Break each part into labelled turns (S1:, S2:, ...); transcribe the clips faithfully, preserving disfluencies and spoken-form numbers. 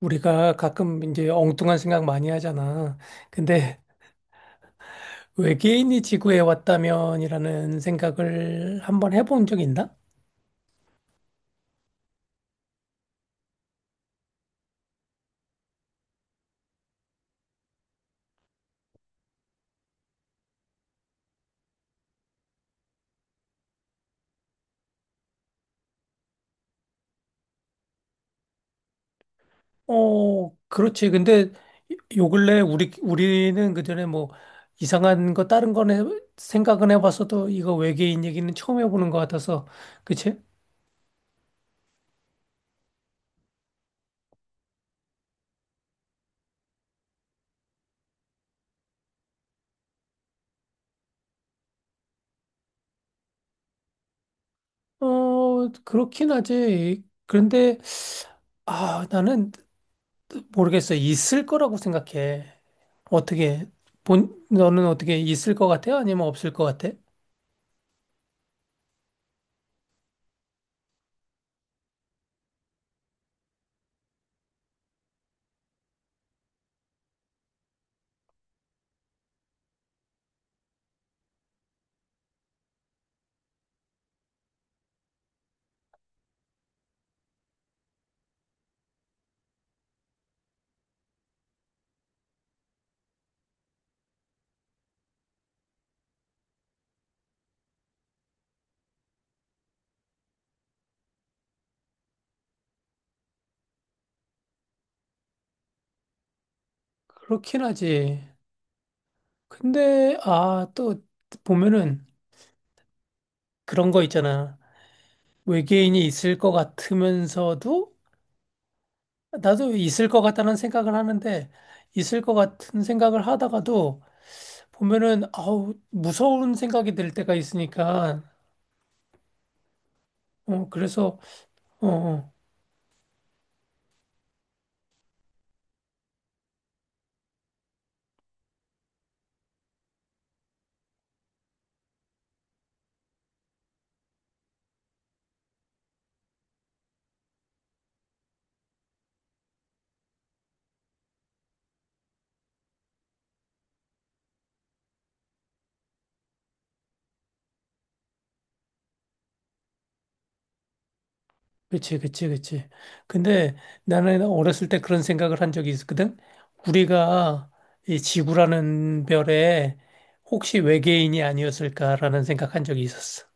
S1: 우리가 가끔 이제 엉뚱한 생각 많이 하잖아. 근데 외계인이 지구에 왔다면이라는 생각을 한번 해본 적 있나? 어, 그렇지. 근데 요 근래 우리 우리는 그전에 뭐 이상한 거 다른 거는 생각은 해봤어도 이거 외계인 얘기는 처음 해보는 것 같아서 그치? 어, 그렇긴 하지. 그런데 아, 나는 모르겠어. 있을 거라고 생각해. 어떻게 본 너는 어떻게 있을 것 같아? 아니면 없을 것 같아? 그렇긴 하지. 근데 아 또 보면은 그런 거 있잖아. 외계인이 있을 것 같으면서도 나도 있을 것 같다는 생각을 하는데 있을 것 같은 생각을 하다가도 보면은 아우 무서운 생각이 들 때가 있으니까 어 그래서 어 어. 그치, 그치, 그치. 근데 나는 어렸을 때 그런 생각을 한 적이 있었거든. 우리가 이 지구라는 별에 혹시 외계인이 아니었을까라는 생각한 적이 있었어.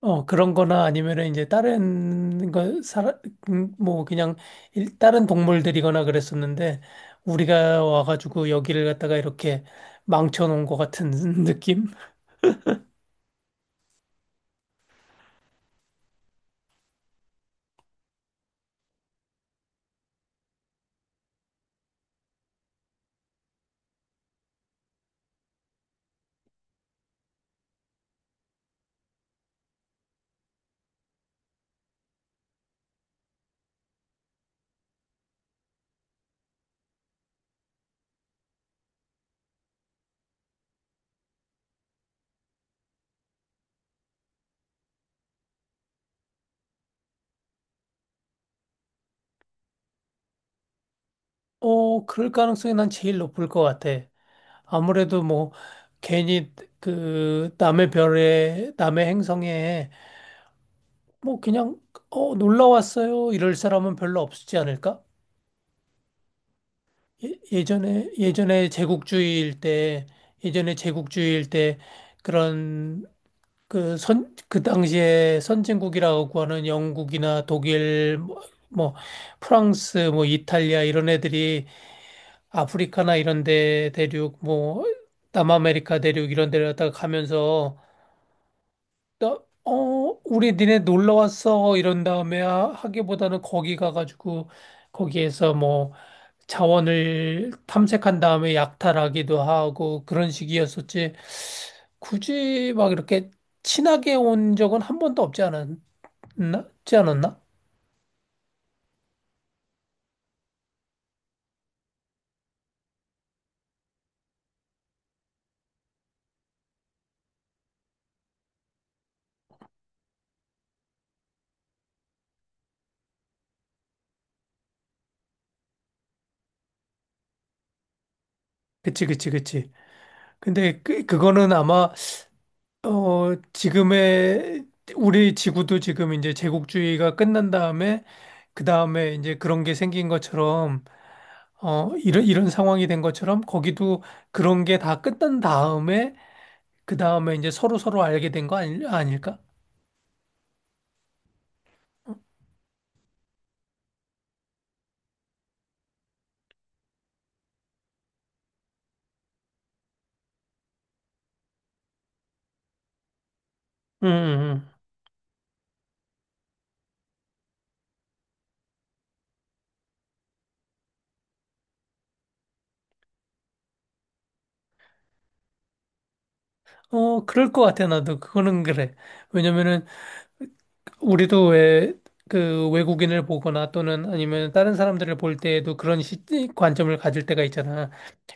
S1: 어, 그런 거나 아니면은 이제 다른 거, 살아, 음, 뭐 그냥 일- 다른 동물들이거나 그랬었는데 우리가 와가지고 여기를 갖다가 이렇게 망쳐놓은 것 같은 느낌? 어, 그럴 가능성이 난 제일 높을 것 같아. 아무래도 뭐 괜히 그 남의 별에 남의 행성에 뭐 그냥 어 놀러 왔어요 이럴 사람은 별로 없지 않을까? 예, 예전에 예전에 제국주의일 때 예전에 제국주의일 때 그런 그 선 그 당시에 선진국이라고 하는 영국이나 독일 뭐, 뭐 프랑스 뭐 이탈리아 이런 애들이 아프리카나 이런 데 대륙 뭐 남아메리카 대륙 이런 데를 갖다가 가면서 나, 어, 우리 니네 놀러 왔어. 이런 다음에 하- 하기보다는 거기 가가지고 거기에서 뭐 자원을 탐색한 다음에 약탈하기도 하고 그런 식이었었지. 굳이 막 이렇게 친하게 온 적은 한 번도 없지 않았나? 없지 않았나? 그치, 그치, 그치. 근데 그, 그거는 아마, 어, 지금의 우리 지구도 지금 이제 제국주의가 끝난 다음에 그 다음에 이제 그런 게 생긴 것처럼 어, 이런, 이런 상황이 된 것처럼 거기도 그런 게 다 끝난 다음에, 그 다음에 이제 서로 서로 알게 된 거 아니, 아닐까? 음, 음. 음. 어, 그럴 것 같아, 나도. 그거는 그래. 왜냐면은, 우리도 왜, 그 외국인을 보거나 또는 아니면 다른 사람들을 볼 때에도 그런 시, 관점을 가질 때가 있잖아.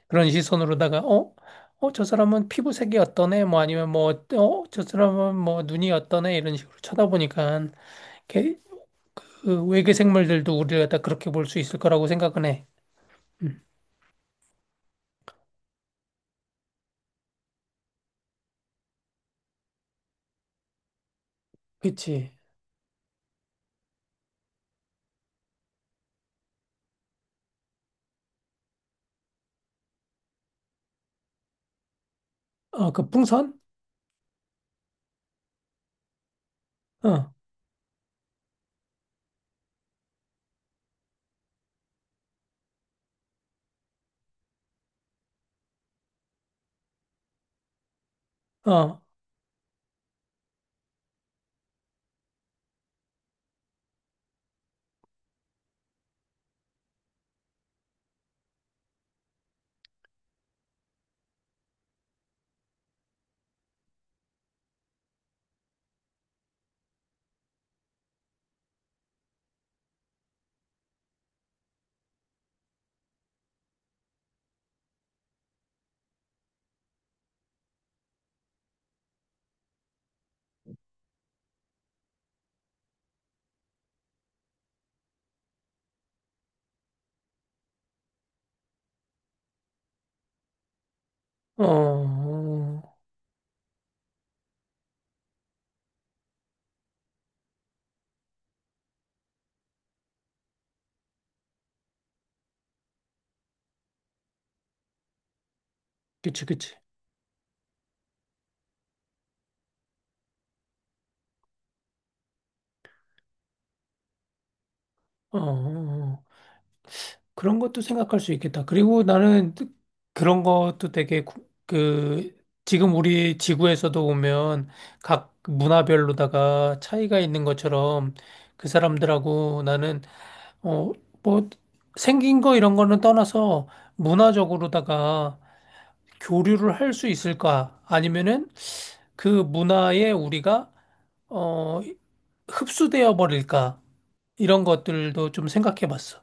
S1: 그런 시선으로다가, 어? 어, 저 사람은 피부색이 어떠네? 뭐 아니면 뭐, 어, 저 사람은 뭐 눈이 어떠네? 이런 식으로 쳐다보니까 그 외계 생물들도 우리를 갖다 그렇게 볼 수 있을 거라고 생각은 해. 음. 그치. 어, 그 풍선? 어, 어, 어, 어, 그치, 그치. 어, 어. 어. 그런 것도 생각할 수 있겠다. 그리고 나는 그런 것도 되게 구- 그 지금 우리 지구에서도 보면 각 문화별로다가 차이가 있는 것처럼 그 사람들하고 나는 어, 뭐 생긴 거 이런 거는 떠나서 문화적으로다가 교류를 할 수 있을까? 아니면은 그 문화에 우리가 어 흡수되어 버릴까? 이런 것들도 좀 생각해 봤어.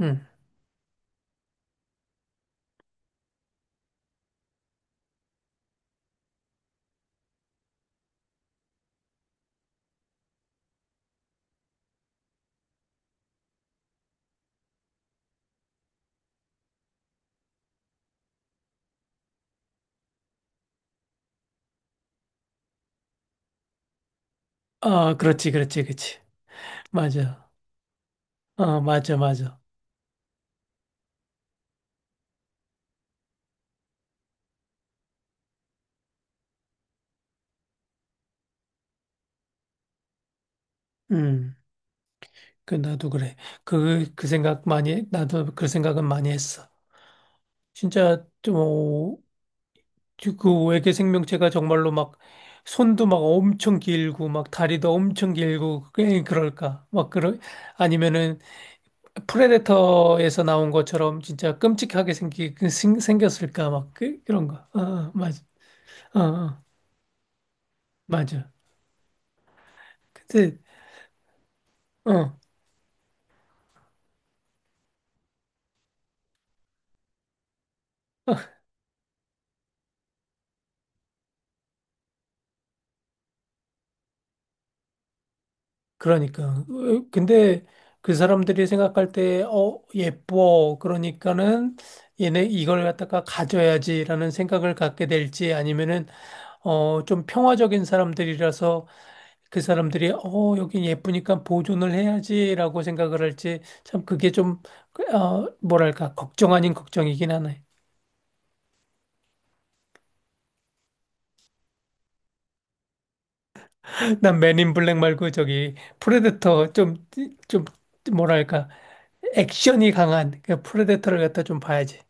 S1: 음. 아, 그렇지, 그렇지, 그렇지. 맞아. 어, 맞아, 맞아. 음. 그 나도 그래. 그 그 생각 많이 나도 그 생각은 많이 했어. 진짜 좀그 외계 생명체가 정말로 막 손도 막 엄청 길고 막 다리도 엄청 길고 그 그럴까? 막 그런 아니면은 프레데터에서 나온 것처럼 진짜 끔찍하게 생기, 그 생, 생겼을까, 막, 그, 그런 거. 어, 어, 맞아. 어, 어, 맞아. 근데, 어, 그러니까. 어, 근데 그 사람들이 생각할 때, 어, 예뻐. 그러니까는 얘네 이걸 갖다가 가져야지라는 생각을 갖게 될지 아니면은, 어, 좀 평화적인 사람들이라서 그 사람들이 어 여긴 예쁘니까 보존을 해야지라고 생각을 할지 참 그게 좀 어, 뭐랄까 걱정 아닌 걱정이긴 하네. 난 맨인 블랙 말고 저기 프레데터 좀 좀 뭐랄까 액션이 강한 그 프레데터를 갖다 좀 봐야지.